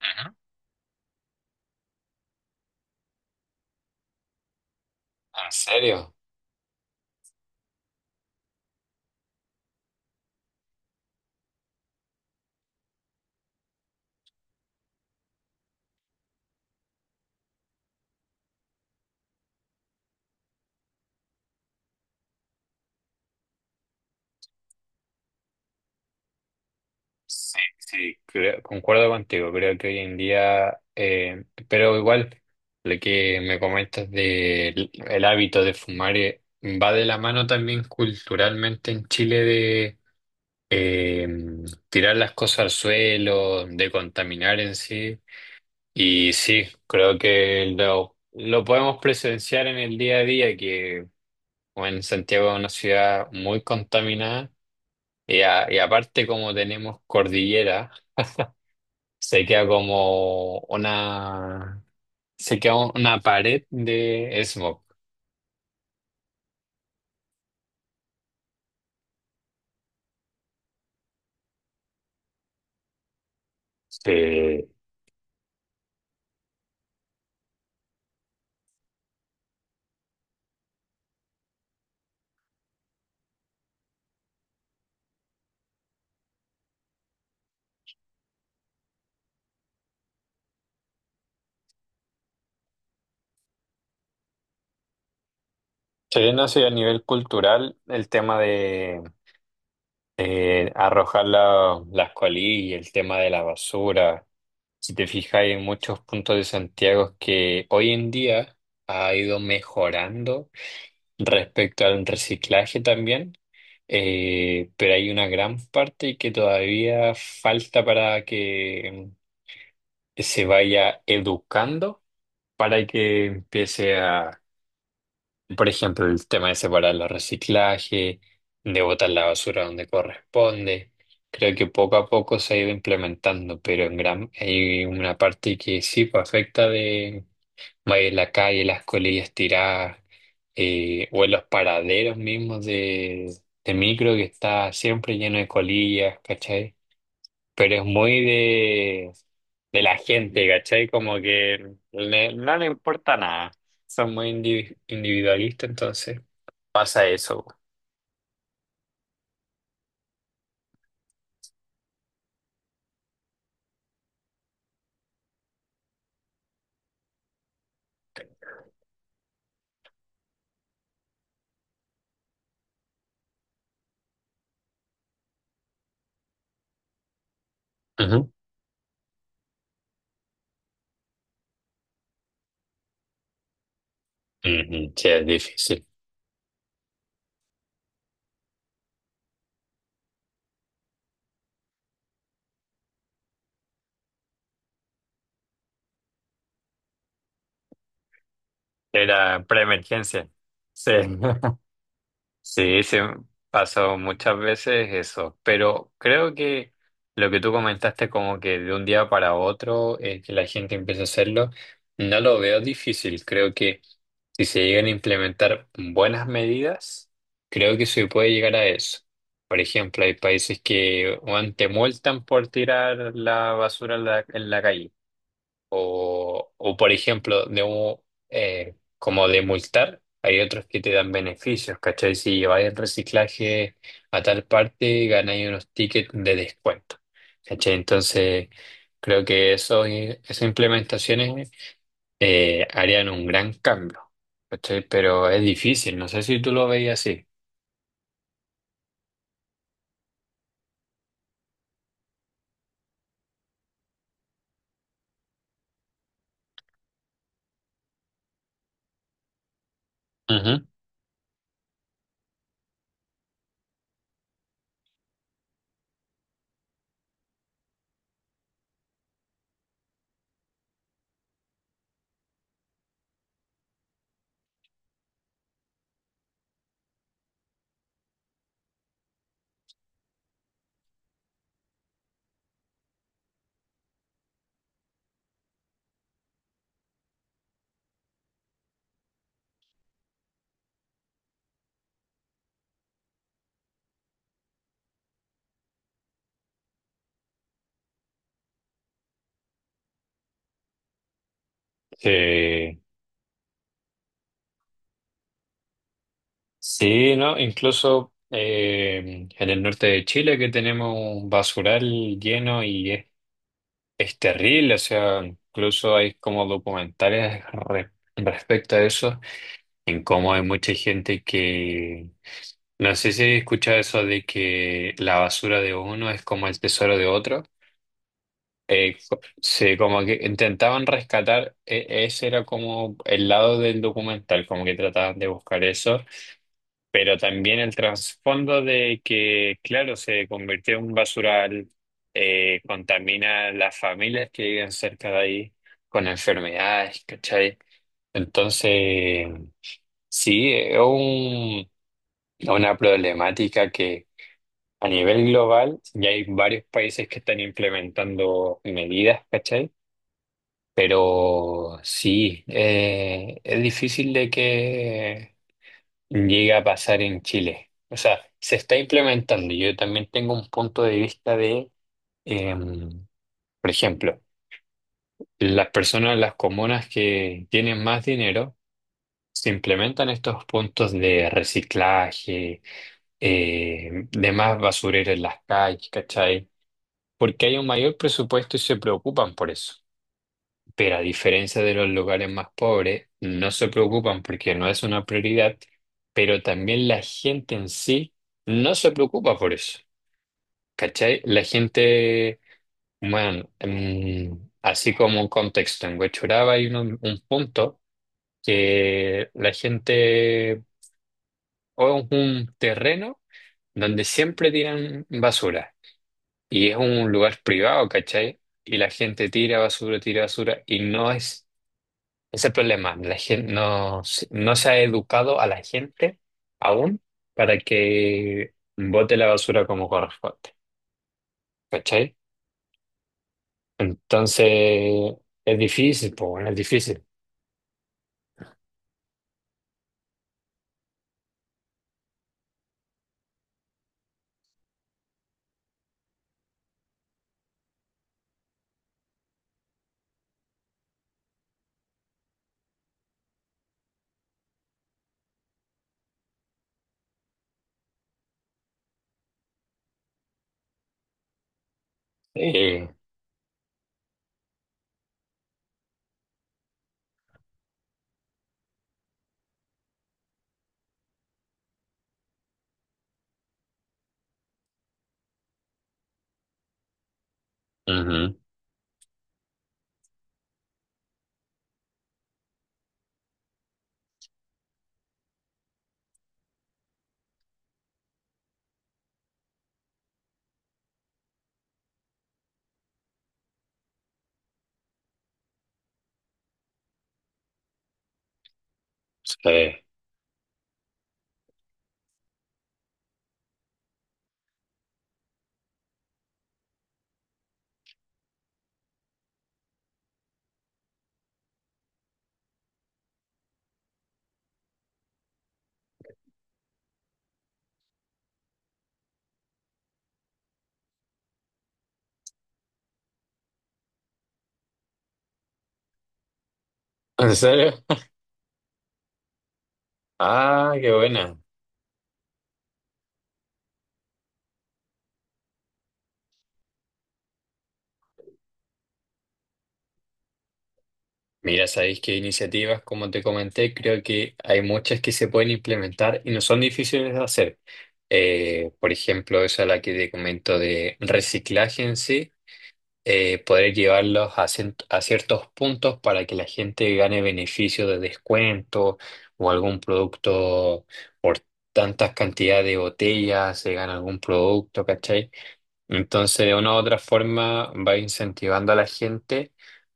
Ujú. ¿En serio? Sí, sí, creo- concuerdo contigo. Creo que hoy en día, pero igual, lo que me comentas del el hábito de fumar va de la mano también culturalmente en Chile de eh, tirar las cosas al suelo, de contaminar en sí. Y sí, creo que lo podemos presenciar en el día a día, que bueno, Santiago es una ciudad muy contaminada. Y, a- y aparte como tenemos cordillera, se queda como una, se queda una pared de smog. Se, se no sé a nivel cultural el tema de arrojar la- las colillas, el tema de la basura. Si te fijas, hay muchos puntos de Santiago que hoy en día ha ido mejorando respecto al reciclaje también, pero hay una gran parte que todavía falta para que se vaya educando, para que empiece a, por ejemplo, el tema de separar los reciclajes, de botar la basura donde corresponde. Creo que poco a poco se ha ido implementando, pero en gran hay una parte que sí pues, afecta de. Va en la calle, las colillas tiradas, o en los paraderos mismos de micro que está siempre lleno de colillas, ¿cachai? Pero es muy de la gente, ¿cachai? Como que le- no le importa nada. Son muy indivi- individualistas, entonces pasa eso. Ujú. Ujú, sí, es difícil. Era preemergencia. Sí. Sí, se pasó muchas veces eso, pero creo que lo que tú comentaste como que de un día para otro que la gente empiece a hacerlo, no lo veo difícil. Creo que si se llegan a implementar buenas medidas, creo que se puede llegar a eso. Por ejemplo, hay países que weón, te multan por tirar la basura en en la calle. O por ejemplo, de un, como de multar, hay otros que te dan beneficios, ¿cachai? Si lleváis el reciclaje a tal parte, ganáis unos tickets de descuento, ¿cachai? Entonces, creo que eso, esas implementaciones harían un gran cambio, ¿cachai? Pero es difícil, no sé si tú lo veis así. Ujú. Sí, sí, ¿no? Incluso en el norte de Chile que tenemos un basural lleno y es. Es terrible, o sea, incluso hay como documentales re- respecto a eso, en cómo hay mucha gente que... No sé si escucha eso de que la basura de uno es como el tesoro de otro. Co- se como que intentaban rescatar, e- ese era como el lado del documental, como que trataban de buscar eso. Pero también el trasfondo de que, claro, se convirtió en un basural, contamina a las familias que viven cerca de ahí con enfermedades, ¿cachai? Entonces, sí, es un- una problemática que a nivel global ya hay varios países que están implementando medidas, ¿cachai? Pero sí, es difícil de que llega a pasar en Chile. O sea, se está implementando. Yo también tengo un punto de vista de, eh, por ejemplo, las personas, las comunas que tienen más dinero, se implementan estos puntos de reciclaje, de más basurero en las calles, ¿cachai? Porque hay un mayor presupuesto y se preocupan por eso. Pero a diferencia de los lugares más pobres, no se preocupan porque no es una prioridad, pero también la gente en sí no se preocupa por eso. ¿Cachai? La gente, bueno, así como un contexto, en Huechuraba hay un punto que la gente, o es un terreno donde siempre tiran basura y es un lugar privado, ¿cachai? Y la gente tira basura y no es. Es el problema. La gente no, se- no se ha educado a la gente aún para que bote la basura como corresponde. ¿Cachai? Entonces, es difícil, pues bueno, es difícil. Sí. Ujú. Sí. ¿En serio? Ah, qué buena. Mira, sabéis que iniciativas, como te comenté, creo que hay muchas que se pueden implementar y no son difíciles de hacer. Por ejemplo, esa es la que te comento de reciclaje en sí. Eh, poder llevarlos a, cien- a ciertos puntos para que la gente gane beneficio de descuento o algún producto por tantas cantidades de botellas, se gana algún producto, ¿cachai? Entonces, de una u otra forma, va incentivando a la gente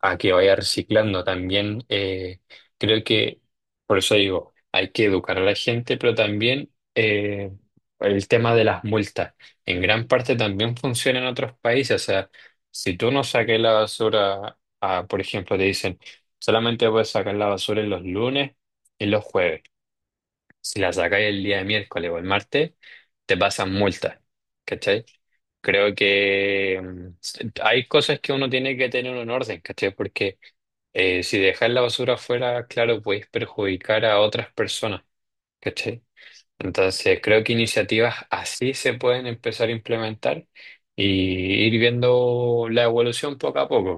a que vaya reciclando. También creo que, por eso digo, hay que educar a la gente, pero también el tema de las multas. En gran parte también funciona en otros países. O sea, si tú no saques la basura, ah, por ejemplo, te dicen, solamente puedes sacar la basura en los lunes y los jueves. Si la sacáis el día de miércoles o el martes, te pasan multas, ¿cachai? Creo que hay cosas que uno tiene que tener en orden, ¿cachai? Porque si dejas la basura afuera, claro, puedes perjudicar a otras personas, ¿cachai? Entonces, creo que iniciativas así se pueden empezar a implementar y ir viendo la evolución poco a poco.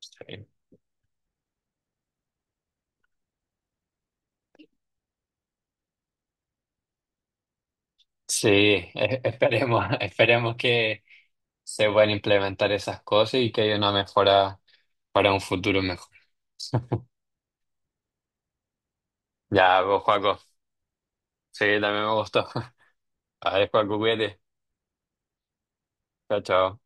Sí, sí, e- esperemos, esperemos que se puedan implementar esas cosas y que haya una mejora para un futuro mejor. Ya, pues, Joaco. Sí, también me gustó. Adiós, Joaco, cuídate. Chao, chao.